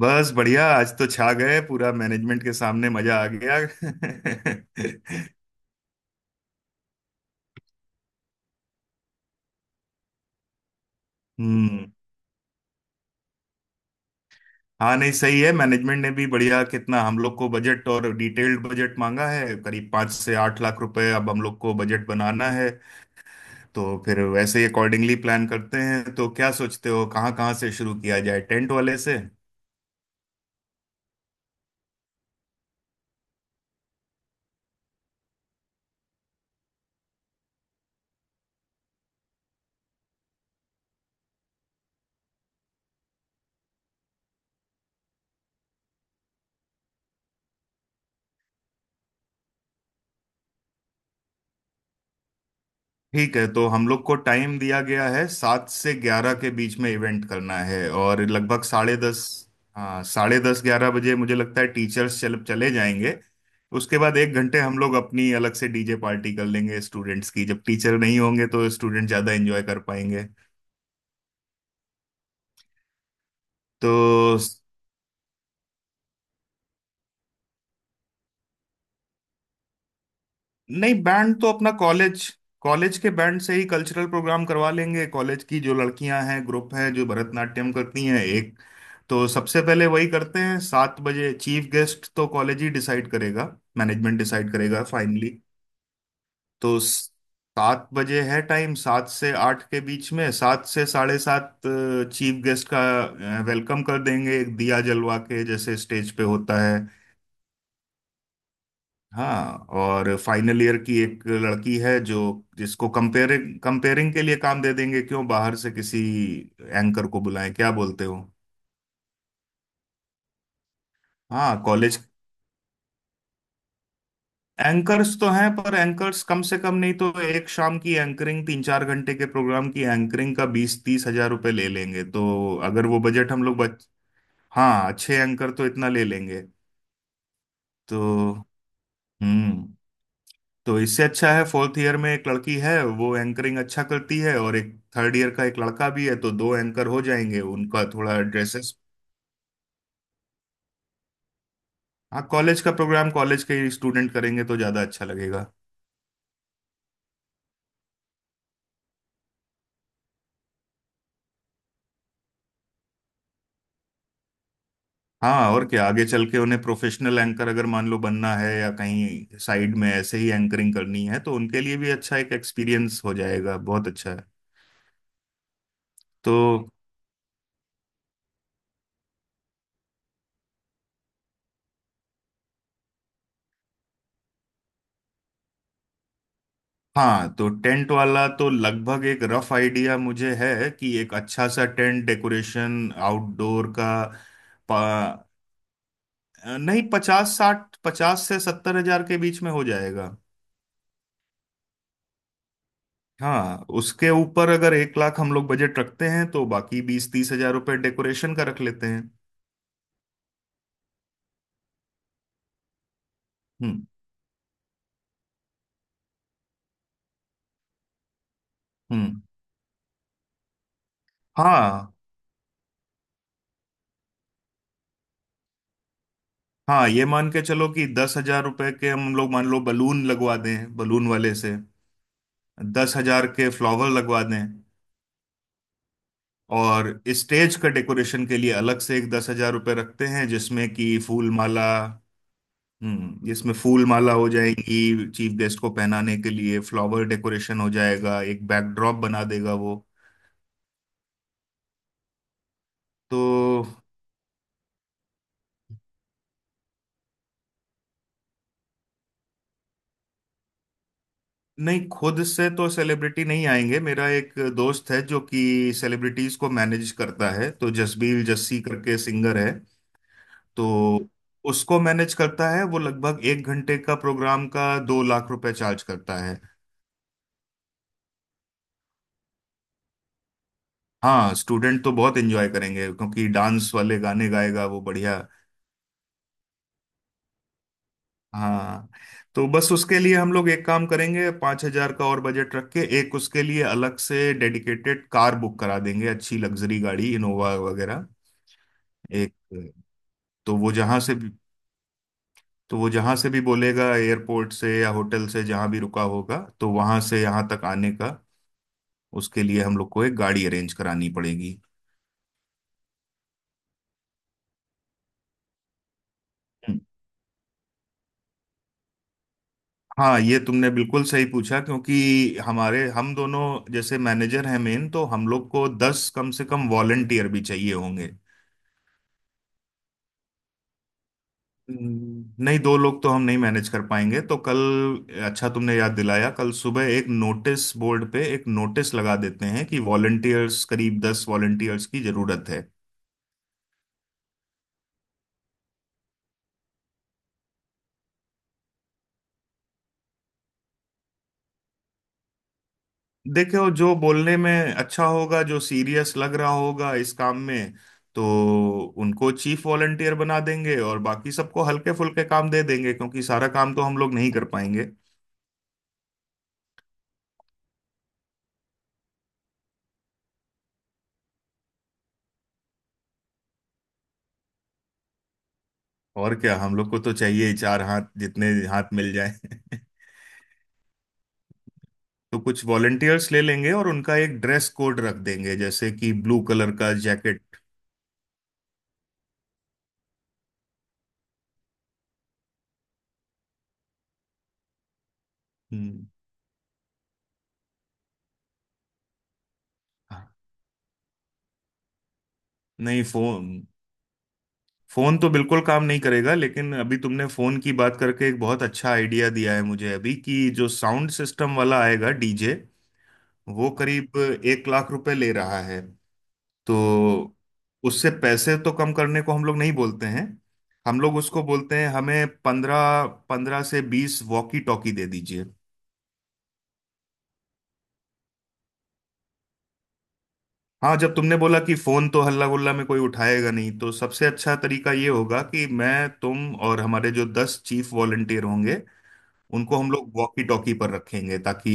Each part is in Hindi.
बस बढ़िया। आज तो छा गए पूरा मैनेजमेंट के सामने, मजा आ गया। हम्म। हाँ, नहीं सही है, मैनेजमेंट ने भी बढ़िया कितना हम लोग को बजट और डिटेल्ड बजट मांगा है, करीब 5 से 8 लाख रुपए। अब हम लोग को बजट बनाना है, तो फिर वैसे ही अकॉर्डिंगली प्लान करते हैं। तो क्या सोचते हो कहाँ कहाँ से शुरू किया जाए, टेंट वाले से? ठीक है। तो हम लोग को टाइम दिया गया है 7 से 11 के बीच में इवेंट करना है, और लगभग 10:30। हाँ, 10:30, 11 बजे मुझे लगता है टीचर्स चल चले जाएंगे। उसके बाद 1 घंटे हम लोग अपनी अलग से डीजे पार्टी कर लेंगे स्टूडेंट्स की, जब टीचर नहीं होंगे तो स्टूडेंट ज़्यादा एंजॉय कर पाएंगे। तो नहीं, बैंड तो अपना कॉलेज कॉलेज के बैंड से ही कल्चरल प्रोग्राम करवा लेंगे। कॉलेज की जो लड़कियां हैं, ग्रुप हैं जो भरतनाट्यम करती हैं, एक तो सबसे पहले वही करते हैं। सात बजे चीफ गेस्ट तो कॉलेज ही डिसाइड करेगा, मैनेजमेंट डिसाइड करेगा फाइनली। तो स- 7 बजे है टाइम, 7 से 8 के बीच में, 7 से 7:30 चीफ गेस्ट का वेलकम कर देंगे, एक दिया जलवा के, जैसे स्टेज पे होता है। हाँ, और फाइनल ईयर की एक लड़की है जो, जिसको कंपेयरिंग कंपेयरिंग के लिए काम दे देंगे। क्यों बाहर से किसी एंकर को बुलाएं, क्या बोलते हो? हाँ, कॉलेज। एंकर्स तो हैं, पर एंकर्स कम से कम नहीं तो एक शाम की एंकरिंग, तीन चार घंटे के प्रोग्राम की एंकरिंग का 20 से 30 हजार रुपये ले लेंगे। तो अगर वो बजट हम लोग बच। हाँ अच्छे एंकर तो इतना ले लेंगे। तो हम्म, तो इससे अच्छा है फोर्थ ईयर में एक लड़की है वो एंकरिंग अच्छा करती है, और एक थर्ड ईयर का एक लड़का भी है, तो दो एंकर हो जाएंगे, उनका थोड़ा ड्रेसेस। हाँ, कॉलेज का प्रोग्राम कॉलेज के स्टूडेंट करेंगे तो ज्यादा अच्छा लगेगा। हाँ, और क्या, आगे चल के उन्हें प्रोफेशनल एंकर अगर मान लो बनना है या कहीं साइड में ऐसे ही एंकरिंग करनी है, तो उनके लिए भी अच्छा एक एक्सपीरियंस हो जाएगा, बहुत अच्छा है। तो हाँ, तो टेंट वाला तो लगभग एक रफ आइडिया मुझे है कि एक अच्छा सा टेंट डेकोरेशन आउटडोर का पा, नहीं 50 से 70 हजार के बीच में हो जाएगा। हाँ, उसके ऊपर अगर 1 लाख हम लोग बजट रखते हैं तो बाकी 20 से 30 हजार रुपये डेकोरेशन का रख लेते हैं। हम्म। हम्म। हाँ। हाँ, ये मान के चलो कि 10 हजार रुपये के हम लोग मान लो बलून लगवा दें बलून वाले से, 10 हजार के फ्लावर लगवा दें, और स्टेज का डेकोरेशन के लिए अलग से एक 10 हजार रुपये रखते हैं, जिसमें कि फूल माला। हम्म, जिसमें फूल माला हो जाएंगी चीफ गेस्ट को पहनाने के लिए, फ्लावर डेकोरेशन हो जाएगा, एक बैकड्रॉप बना देगा वो। तो नहीं, खुद से तो सेलिब्रिटी नहीं आएंगे। मेरा एक दोस्त है जो कि सेलिब्रिटीज को मैनेज करता है, तो जसबीर जस्सी करके सिंगर है, तो उसको मैनेज करता है। वो लगभग 1 घंटे का प्रोग्राम का 2 लाख रुपए चार्ज करता है। हाँ, स्टूडेंट तो बहुत एंजॉय करेंगे क्योंकि डांस वाले गाने गाएगा वो बढ़िया। हाँ, तो बस उसके लिए हम लोग एक काम करेंगे, 5 हजार का और बजट रख के एक उसके लिए अलग से डेडिकेटेड कार बुक करा देंगे, अच्छी लग्जरी गाड़ी इनोवा वगैरह। एक, तो वो जहाँ से भी तो वो जहाँ से भी बोलेगा, एयरपोर्ट से या होटल से जहाँ भी रुका होगा, तो वहाँ से यहाँ तक आने का उसके लिए हम लोग को एक गाड़ी अरेंज करानी पड़ेगी। हाँ, ये तुमने बिल्कुल सही पूछा, क्योंकि हमारे हम दोनों जैसे मैनेजर हैं मेन, तो हम लोग को 10 कम से कम वॉलंटियर भी चाहिए होंगे। नहीं दो लोग तो हम नहीं मैनेज कर पाएंगे। तो कल, अच्छा तुमने याद दिलाया, कल सुबह एक नोटिस बोर्ड पे एक नोटिस लगा देते हैं कि वॉलंटियर्स करीब 10 वॉलंटियर्स की जरूरत है। देखो, जो बोलने में अच्छा होगा, जो सीरियस लग रहा होगा इस काम में, तो उनको चीफ वॉलंटियर बना देंगे और बाकी सबको हल्के फुल्के काम दे देंगे क्योंकि सारा काम तो हम लोग नहीं कर पाएंगे। और क्या, हम लोग को तो चाहिए ही चार हाथ, जितने हाथ मिल जाए। तो कुछ वॉलंटियर्स ले लेंगे और उनका एक ड्रेस कोड रख देंगे, जैसे कि ब्लू कलर का जैकेट। हम्म। हाँ, नहीं फोन फोन तो बिल्कुल काम नहीं करेगा, लेकिन अभी तुमने फोन की बात करके एक बहुत अच्छा आइडिया दिया है मुझे अभी, कि जो साउंड सिस्टम वाला आएगा डीजे, वो करीब 1 लाख रुपए ले रहा है। तो उससे पैसे तो कम करने को हम लोग नहीं बोलते हैं, हम लोग उसको बोलते हैं हमें 15 से 20 वॉकी टॉकी दे दीजिए। हाँ, जब तुमने बोला कि फोन तो हल्ला गुल्ला में कोई उठाएगा नहीं, तो सबसे अच्छा तरीका ये होगा कि मैं तुम और हमारे जो 10 चीफ वॉलंटियर होंगे उनको हम लोग वॉकी टॉकी पर रखेंगे ताकि।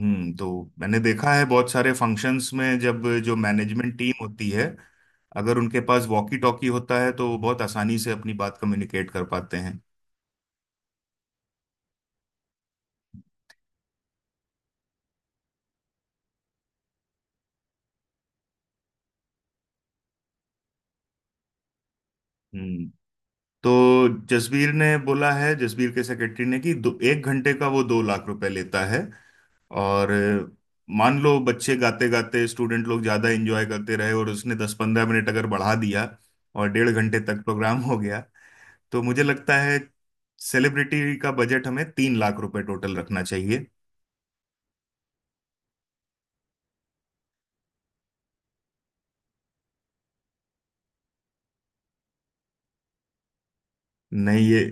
हम्म, तो मैंने देखा है बहुत सारे फंक्शंस में जब जो मैनेजमेंट टीम होती है, अगर उनके पास वॉकी टॉकी होता है तो वो बहुत आसानी से अपनी बात कम्युनिकेट कर पाते हैं। हम्म, तो जसबीर ने बोला है, जसबीर के सेक्रेटरी ने कि दो, 1 घंटे का वो 2 लाख रुपए लेता है। और मान लो बच्चे गाते गाते स्टूडेंट लोग ज्यादा एंजॉय करते रहे और उसने 10 से 15 मिनट अगर बढ़ा दिया और 1.5 घंटे तक प्रोग्राम हो गया, तो मुझे लगता है सेलिब्रिटी का बजट हमें 3 लाख रुपए टोटल रखना चाहिए। नहीं, ये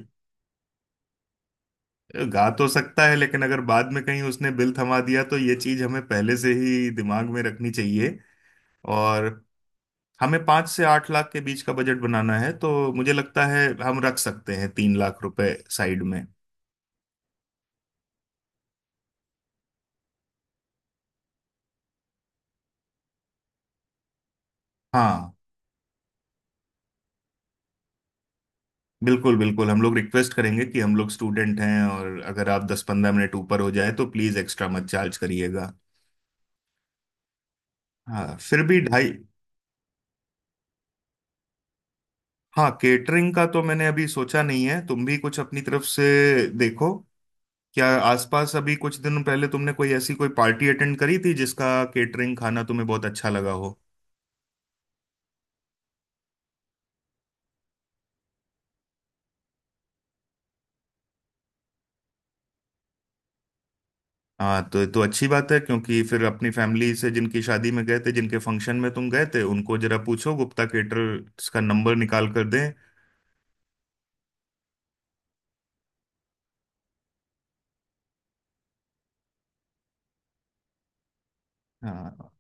गा तो सकता है लेकिन अगर बाद में कहीं उसने बिल थमा दिया, तो ये चीज हमें पहले से ही दिमाग में रखनी चाहिए। और हमें 5 से 8 लाख के बीच का बजट बनाना है, तो मुझे लगता है हम रख सकते हैं 3 लाख रुपए साइड में। हाँ, बिल्कुल बिल्कुल, हम लोग रिक्वेस्ट करेंगे कि हम लोग स्टूडेंट हैं और अगर आप 10 से 15 मिनट ऊपर हो जाए तो प्लीज एक्स्ट्रा मत चार्ज करिएगा। हाँ, फिर भी ढाई। हाँ, केटरिंग का तो मैंने अभी सोचा नहीं है, तुम भी कुछ अपनी तरफ से। देखो, क्या आसपास अभी कुछ दिन पहले तुमने कोई ऐसी कोई पार्टी अटेंड करी थी जिसका केटरिंग खाना तुम्हें बहुत अच्छा लगा हो? हाँ तो अच्छी बात है, क्योंकि फिर अपनी फैमिली से जिनकी शादी में गए थे, जिनके फंक्शन में तुम गए थे, उनको जरा पूछो गुप्ता केटरर्स का नंबर निकाल कर दें। हाँ।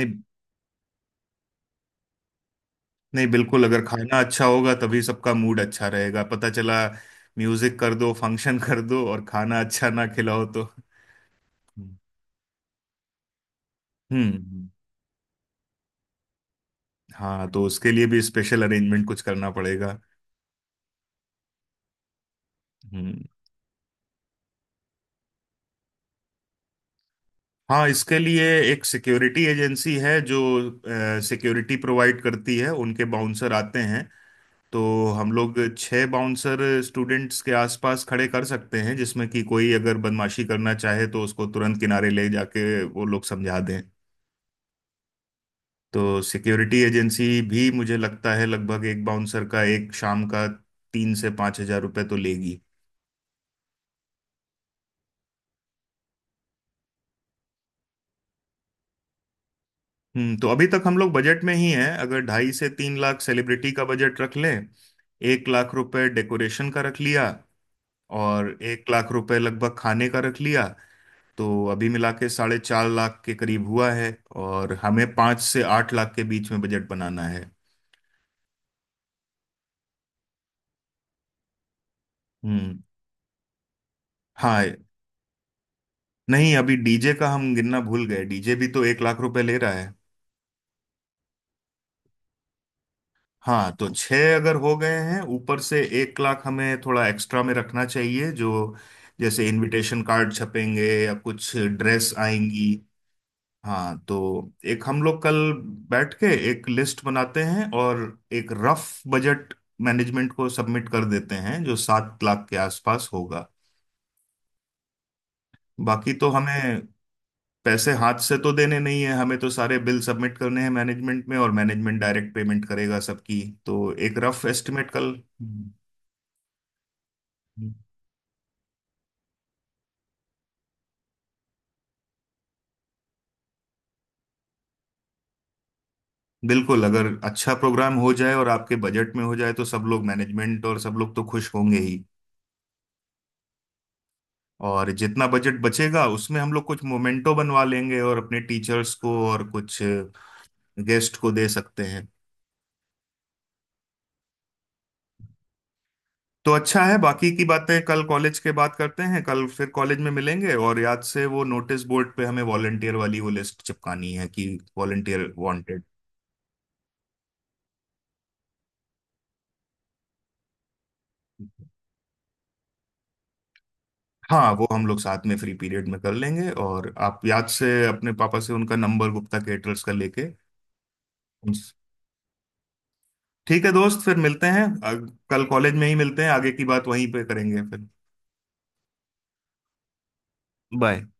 नहीं, नहीं बिल्कुल, अगर खाना अच्छा होगा तभी सबका मूड अच्छा रहेगा, पता चला म्यूजिक कर दो, फंक्शन कर दो और खाना अच्छा ना खिलाओ तो। हम्म। हम्म। हाँ, तो उसके लिए भी स्पेशल अरेंजमेंट कुछ करना पड़ेगा। हम्म। हाँ, इसके लिए एक सिक्योरिटी एजेंसी है जो सिक्योरिटी प्रोवाइड करती है, उनके बाउंसर आते हैं। तो हम लोग 6 बाउंसर स्टूडेंट्स के आसपास खड़े कर सकते हैं, जिसमें कि कोई अगर बदमाशी करना चाहे तो उसको तुरंत किनारे ले जाके वो लोग समझा दें। तो सिक्योरिटी एजेंसी भी मुझे लगता है लगभग एक बाउंसर का एक शाम का 3 से 5 हजार रुपये तो लेगी। हम्म, तो अभी तक हम लोग बजट में ही हैं। अगर 2.5 से 3 लाख सेलिब्रिटी का बजट रख लें, 1 लाख रुपए डेकोरेशन का रख लिया और 1 लाख रुपए लगभग खाने का रख लिया, तो अभी मिला के 4.5 लाख के करीब हुआ है, और हमें पाँच से आठ लाख के बीच में बजट बनाना है। हम्म। हाँ, नहीं अभी डीजे का हम गिनना भूल गए, डीजे भी तो 1 लाख रुपए ले रहा। हाँ तो 6 अगर हो गए हैं, ऊपर से 1 लाख हमें थोड़ा एक्स्ट्रा में रखना चाहिए, जो जैसे इनविटेशन कार्ड छपेंगे या कुछ ड्रेस आएंगी। हाँ, तो एक हम लोग कल बैठ के एक लिस्ट बनाते हैं और एक रफ बजट मैनेजमेंट को सबमिट कर देते हैं जो 7 लाख के आसपास होगा। बाकी तो हमें पैसे हाथ से तो देने नहीं है, हमें तो सारे बिल सबमिट करने हैं मैनेजमेंट में और मैनेजमेंट डायरेक्ट पेमेंट करेगा सबकी, तो एक रफ एस्टिमेट कल। बिल्कुल, अगर अच्छा प्रोग्राम हो जाए और आपके बजट में हो जाए तो सब लोग, मैनेजमेंट और सब लोग तो खुश होंगे ही। और जितना बजट बचेगा उसमें हम लोग कुछ मोमेंटो बनवा लेंगे और अपने टीचर्स को और कुछ गेस्ट को दे सकते हैं। तो अच्छा है, बाकी की बातें कल कॉलेज के बाद करते हैं, कल फिर कॉलेज में मिलेंगे। और याद से वो नोटिस बोर्ड पे हमें वॉलंटियर वाली वो लिस्ट चिपकानी है कि वॉलंटियर वांटेड। हाँ, वो हम लोग साथ में फ्री पीरियड में कर लेंगे, और आप याद से अपने पापा से उनका नंबर गुप्ता केटरर्स का लेके। ठीक है दोस्त, फिर मिलते हैं। कल कॉलेज में ही मिलते हैं, आगे की बात वहीं पे करेंगे फिर। बाय।